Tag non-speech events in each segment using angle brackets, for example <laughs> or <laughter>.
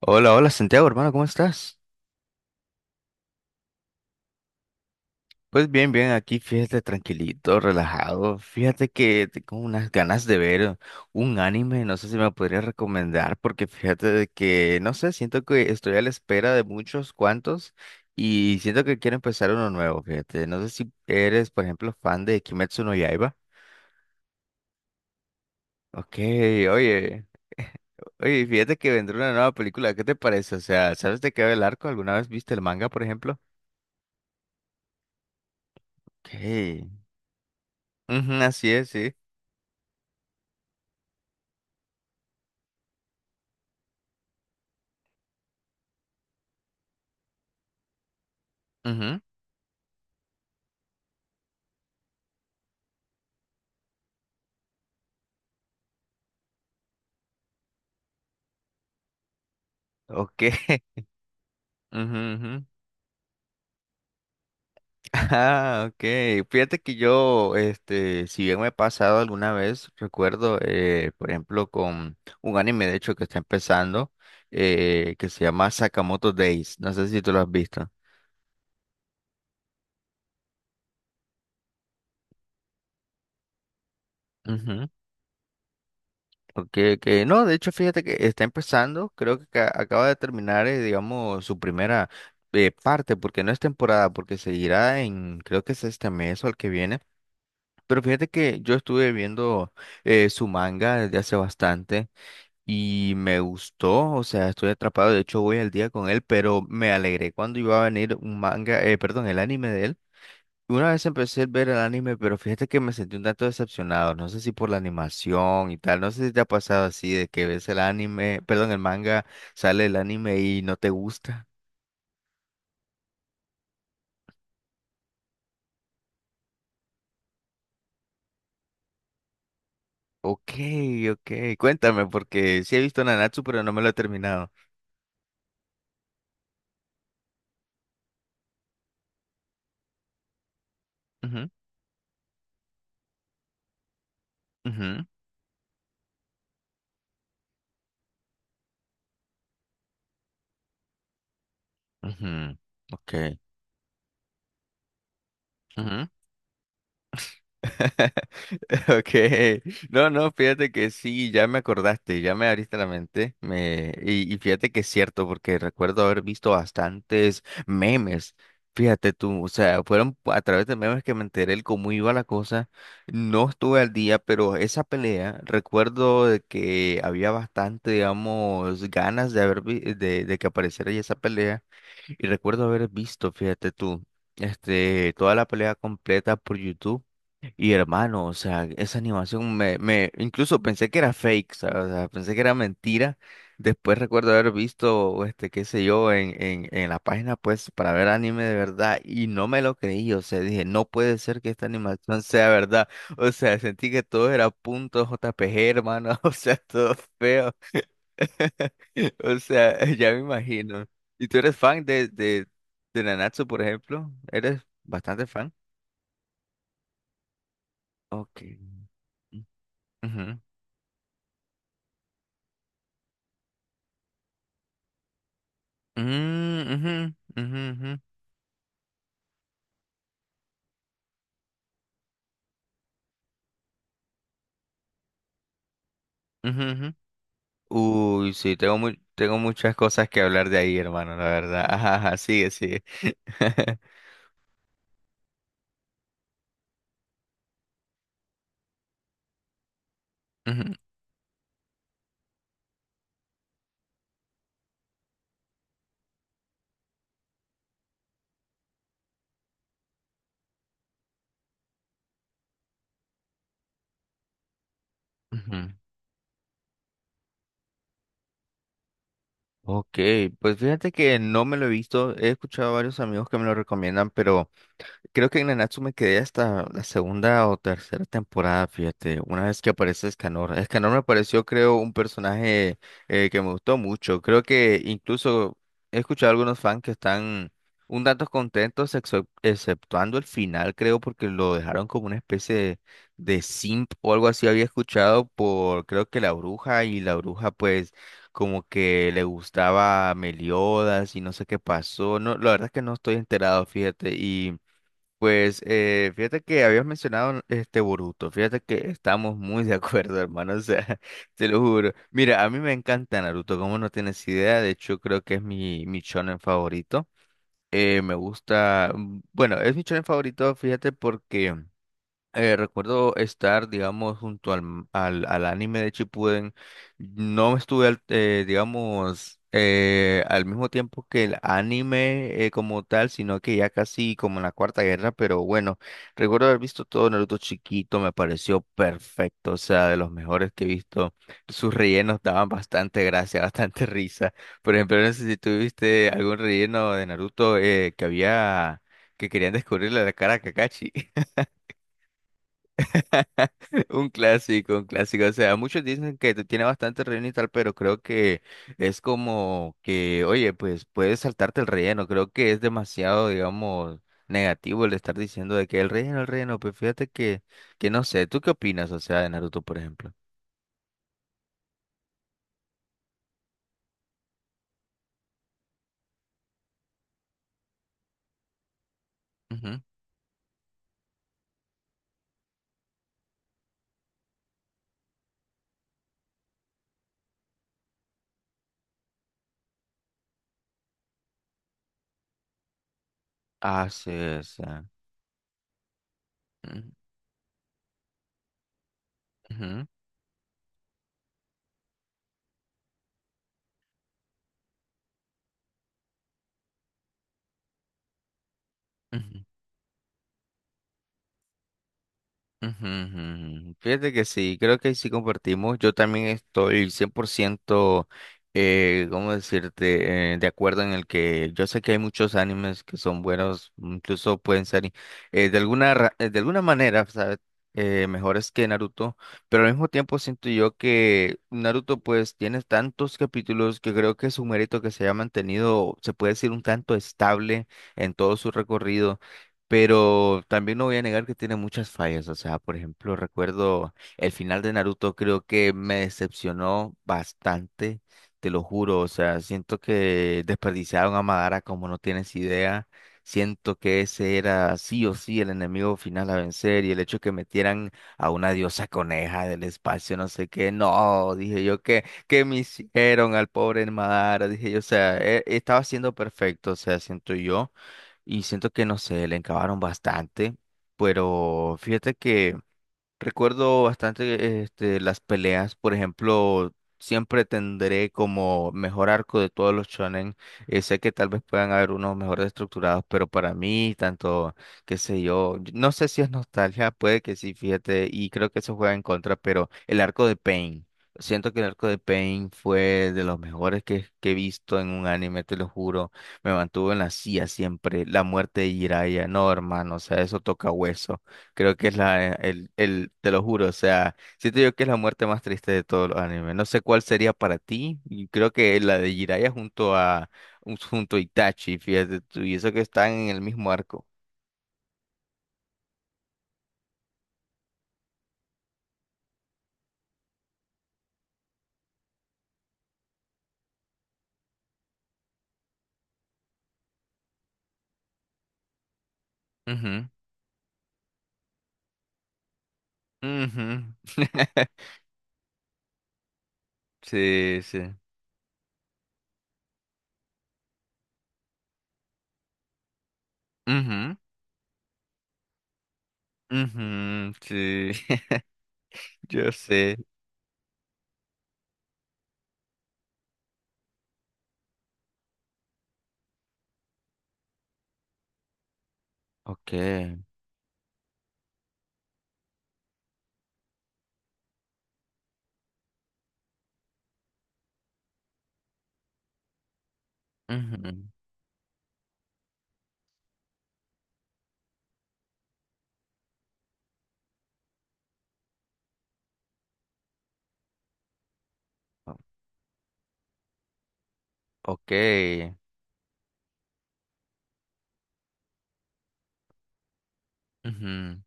Hola, hola Santiago, hermano, ¿cómo estás? Pues bien, bien, aquí fíjate tranquilito, relajado. Fíjate que tengo unas ganas de ver un anime, no sé si me podrías recomendar, porque fíjate de que, no sé, siento que estoy a la espera de muchos cuantos y siento que quiero empezar uno nuevo, fíjate. No sé si eres, por ejemplo, fan de Kimetsu no Yaiba. Ok, oye, <laughs> oye, fíjate que vendrá una nueva película, ¿qué te parece? O sea, ¿sabes de qué va el arco? ¿Alguna vez viste el manga, por ejemplo? Ok. Ujú, así es, sí. Ujú, ok. <laughs> Ujú, ujú. Ah, ok. Fíjate que yo, si bien me ha pasado alguna vez, recuerdo, por ejemplo, con un anime, de hecho, que está empezando, que se llama Sakamoto Days. No sé si tú lo has visto. Ujú. Okay, que no, de hecho, fíjate que está empezando, creo que acaba de terminar, digamos, su primera parte, porque no es temporada, porque seguirá en, creo que es este mes o el que viene. Pero fíjate que yo estuve viendo su manga desde hace bastante y me gustó, o sea, estoy atrapado, de hecho voy al día con él, pero me alegré cuando iba a venir un manga, perdón, el anime de él. Y una vez empecé a ver el anime, pero fíjate que me sentí un tanto decepcionado, no sé si por la animación y tal, no sé si te ha pasado así de que ves el anime, perdón, el manga, sale el anime y no te gusta. Ok, ok, cuéntame, porque sí he visto Nanatsu, pero no me lo he terminado. Ujú, ujú. Ujú, ok. Ujú. <laughs> Okay, no, no, fíjate que sí, ya me acordaste, ya me abriste la mente, me y fíjate que es cierto porque recuerdo haber visto bastantes memes, fíjate tú, o sea, fueron a través de memes que me enteré el cómo iba la cosa, no estuve al día, pero esa pelea recuerdo de que había bastante, digamos, ganas de haber de que apareciera ya esa pelea. Y recuerdo haber visto, fíjate tú, toda la pelea completa por YouTube. Y hermano, o sea, esa animación me, me, incluso pensé que era fake, ¿sabes? O sea, pensé que era mentira. Después recuerdo haber visto, qué sé yo, en la página, pues, para ver anime de verdad. Y no me lo creí, o sea, dije, no puede ser que esta animación sea verdad. O sea, sentí que todo era punto JPG, hermano, <laughs> o sea, todo feo. <laughs> O sea, <laughs> ya me imagino. ¿Y tú eres fan de, de Nanatsu, por ejemplo? ¿Eres bastante fan? Ok. Ujú. Mm, ujú, ujú, ujú, ujú, ujú. Uy, sí, tengo tengo muchas cosas que hablar de ahí, hermano, la verdad. Ajá, ajá, sigue, sigue. <laughs> Ujú, ujú. Ok, pues fíjate que no me lo he visto. He escuchado a varios amigos que me lo recomiendan, pero creo que en Nanatsu me quedé hasta la segunda o tercera temporada, fíjate, una vez que aparece Escanor. Escanor me pareció, creo, un personaje que me gustó mucho. Creo que incluso he escuchado a algunos fans que están un tanto contentos, exceptuando el final, creo, porque lo dejaron como una especie de, simp o algo así. Había escuchado por, creo que la bruja, y la bruja, pues, como que le gustaba a Meliodas y no sé qué pasó. No, la verdad es que no estoy enterado, fíjate, y. Pues fíjate que habías mencionado este Boruto, fíjate que estamos muy de <laughs> acuerdo, hermano, o sea, <laughs> te lo juro. Mira, a mí me encanta Naruto, como no tienes idea, de hecho creo que es mi shonen favorito. Me gusta, bueno, es mi shonen favorito, fíjate porque recuerdo estar, digamos, junto al anime de Shippuden. No estuve, digamos, al mismo tiempo que el anime como tal, sino que ya casi como en la Cuarta Guerra, pero bueno, recuerdo haber visto todo Naruto chiquito, me pareció perfecto, o sea, de los mejores que he visto. Sus rellenos daban bastante gracia, <laughs> bastante risa. Por ejemplo, no sé si tuviste algún relleno de Naruto que había, que querían descubrirle la cara a Kakashi. <laughs> <laughs> Un clásico, un clásico. O sea, muchos dicen que tiene bastante relleno y tal, pero creo que es como que, oye, pues puedes saltarte el relleno. Creo que es demasiado, digamos, negativo el estar diciendo de que el relleno, el relleno. Pues fíjate que, no sé. ¿Tú qué opinas, o sea, de Naruto, por ejemplo? Ujú. Ah, sí, o sea. Ujú, ujú, ujú. Ujú, ujú. Ujú. Fíjate que sí, creo que sí compartimos. Yo también estoy 100%, ¿cómo decirte?, de acuerdo en el que yo sé que hay muchos animes que son buenos, incluso pueden ser de alguna manera, ¿sabes? Mejores que Naruto, pero al mismo tiempo siento yo que Naruto pues tiene tantos capítulos que creo que es un mérito que se haya mantenido, se puede decir un tanto estable en todo su recorrido. Pero también no voy a negar que tiene muchas fallas. O sea, por ejemplo, recuerdo el final de Naruto, creo que me decepcionó bastante, te lo juro. O sea, siento que desperdiciaron a Madara como no tienes idea. Siento que ese era sí o sí el enemigo final a vencer y el hecho que metieran a una diosa coneja del espacio, no sé qué, no, dije yo que, me hicieron al pobre Madara, dije yo, o sea, estaba siendo perfecto, o sea, siento yo y siento que, no sé, le encabaron bastante, pero fíjate que... Recuerdo bastante las peleas, por ejemplo, siempre tendré como mejor arco de todos los shonen. Sé que tal vez puedan haber unos mejores estructurados, pero para mí, tanto, qué sé yo, yo no sé si es nostalgia, puede que sí, fíjate, y creo que eso juega en contra, pero el arco de Pain. Siento que el arco de Pain fue de los mejores que he visto en un anime, te lo juro. Me mantuvo en la silla siempre. La muerte de Jiraiya, no, hermano, o sea, eso toca hueso. Creo que es te lo juro, o sea, siento yo que es la muerte más triste de todos los animes. No sé cuál sería para ti, y creo que la de Jiraiya junto a Itachi, fíjate tú, y eso que están en el mismo arco. Ujú, ujú. <laughs> Sí, sí. Ujú, ujú, sí, <laughs> yo sé. Okay. ujú, o- Okay. ujú.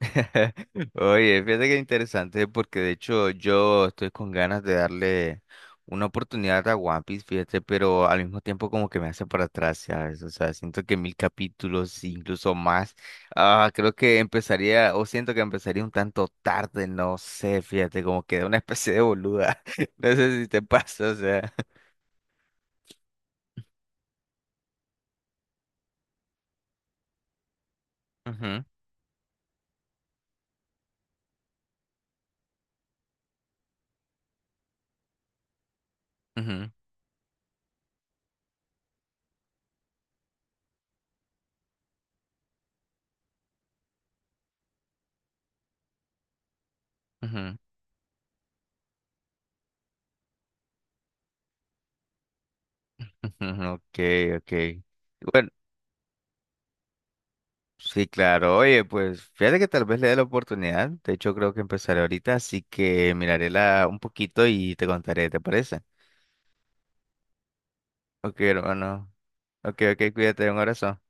<laughs> Oye, fíjate que interesante porque de hecho yo estoy con ganas de darle una oportunidad a One Piece, fíjate, pero al mismo tiempo como que me hace para atrás, ¿sabes? O sea, siento que mil capítulos, incluso más, creo que empezaría, o siento que empezaría un tanto tarde, no sé, fíjate, como que de una <laughs> especie de boluda, <laughs> no sé si te pasa, o sea. Ujú, ujú, ujú, ujú, <laughs> ok, ok. Bueno, sí, claro. Oye, pues fíjate que tal vez le dé la oportunidad. De hecho, creo que empezaré ahorita, así que miraré la un poquito y te contaré, ¿te parece? Ok, hermano. Ok, ok, cuídate, un abrazo.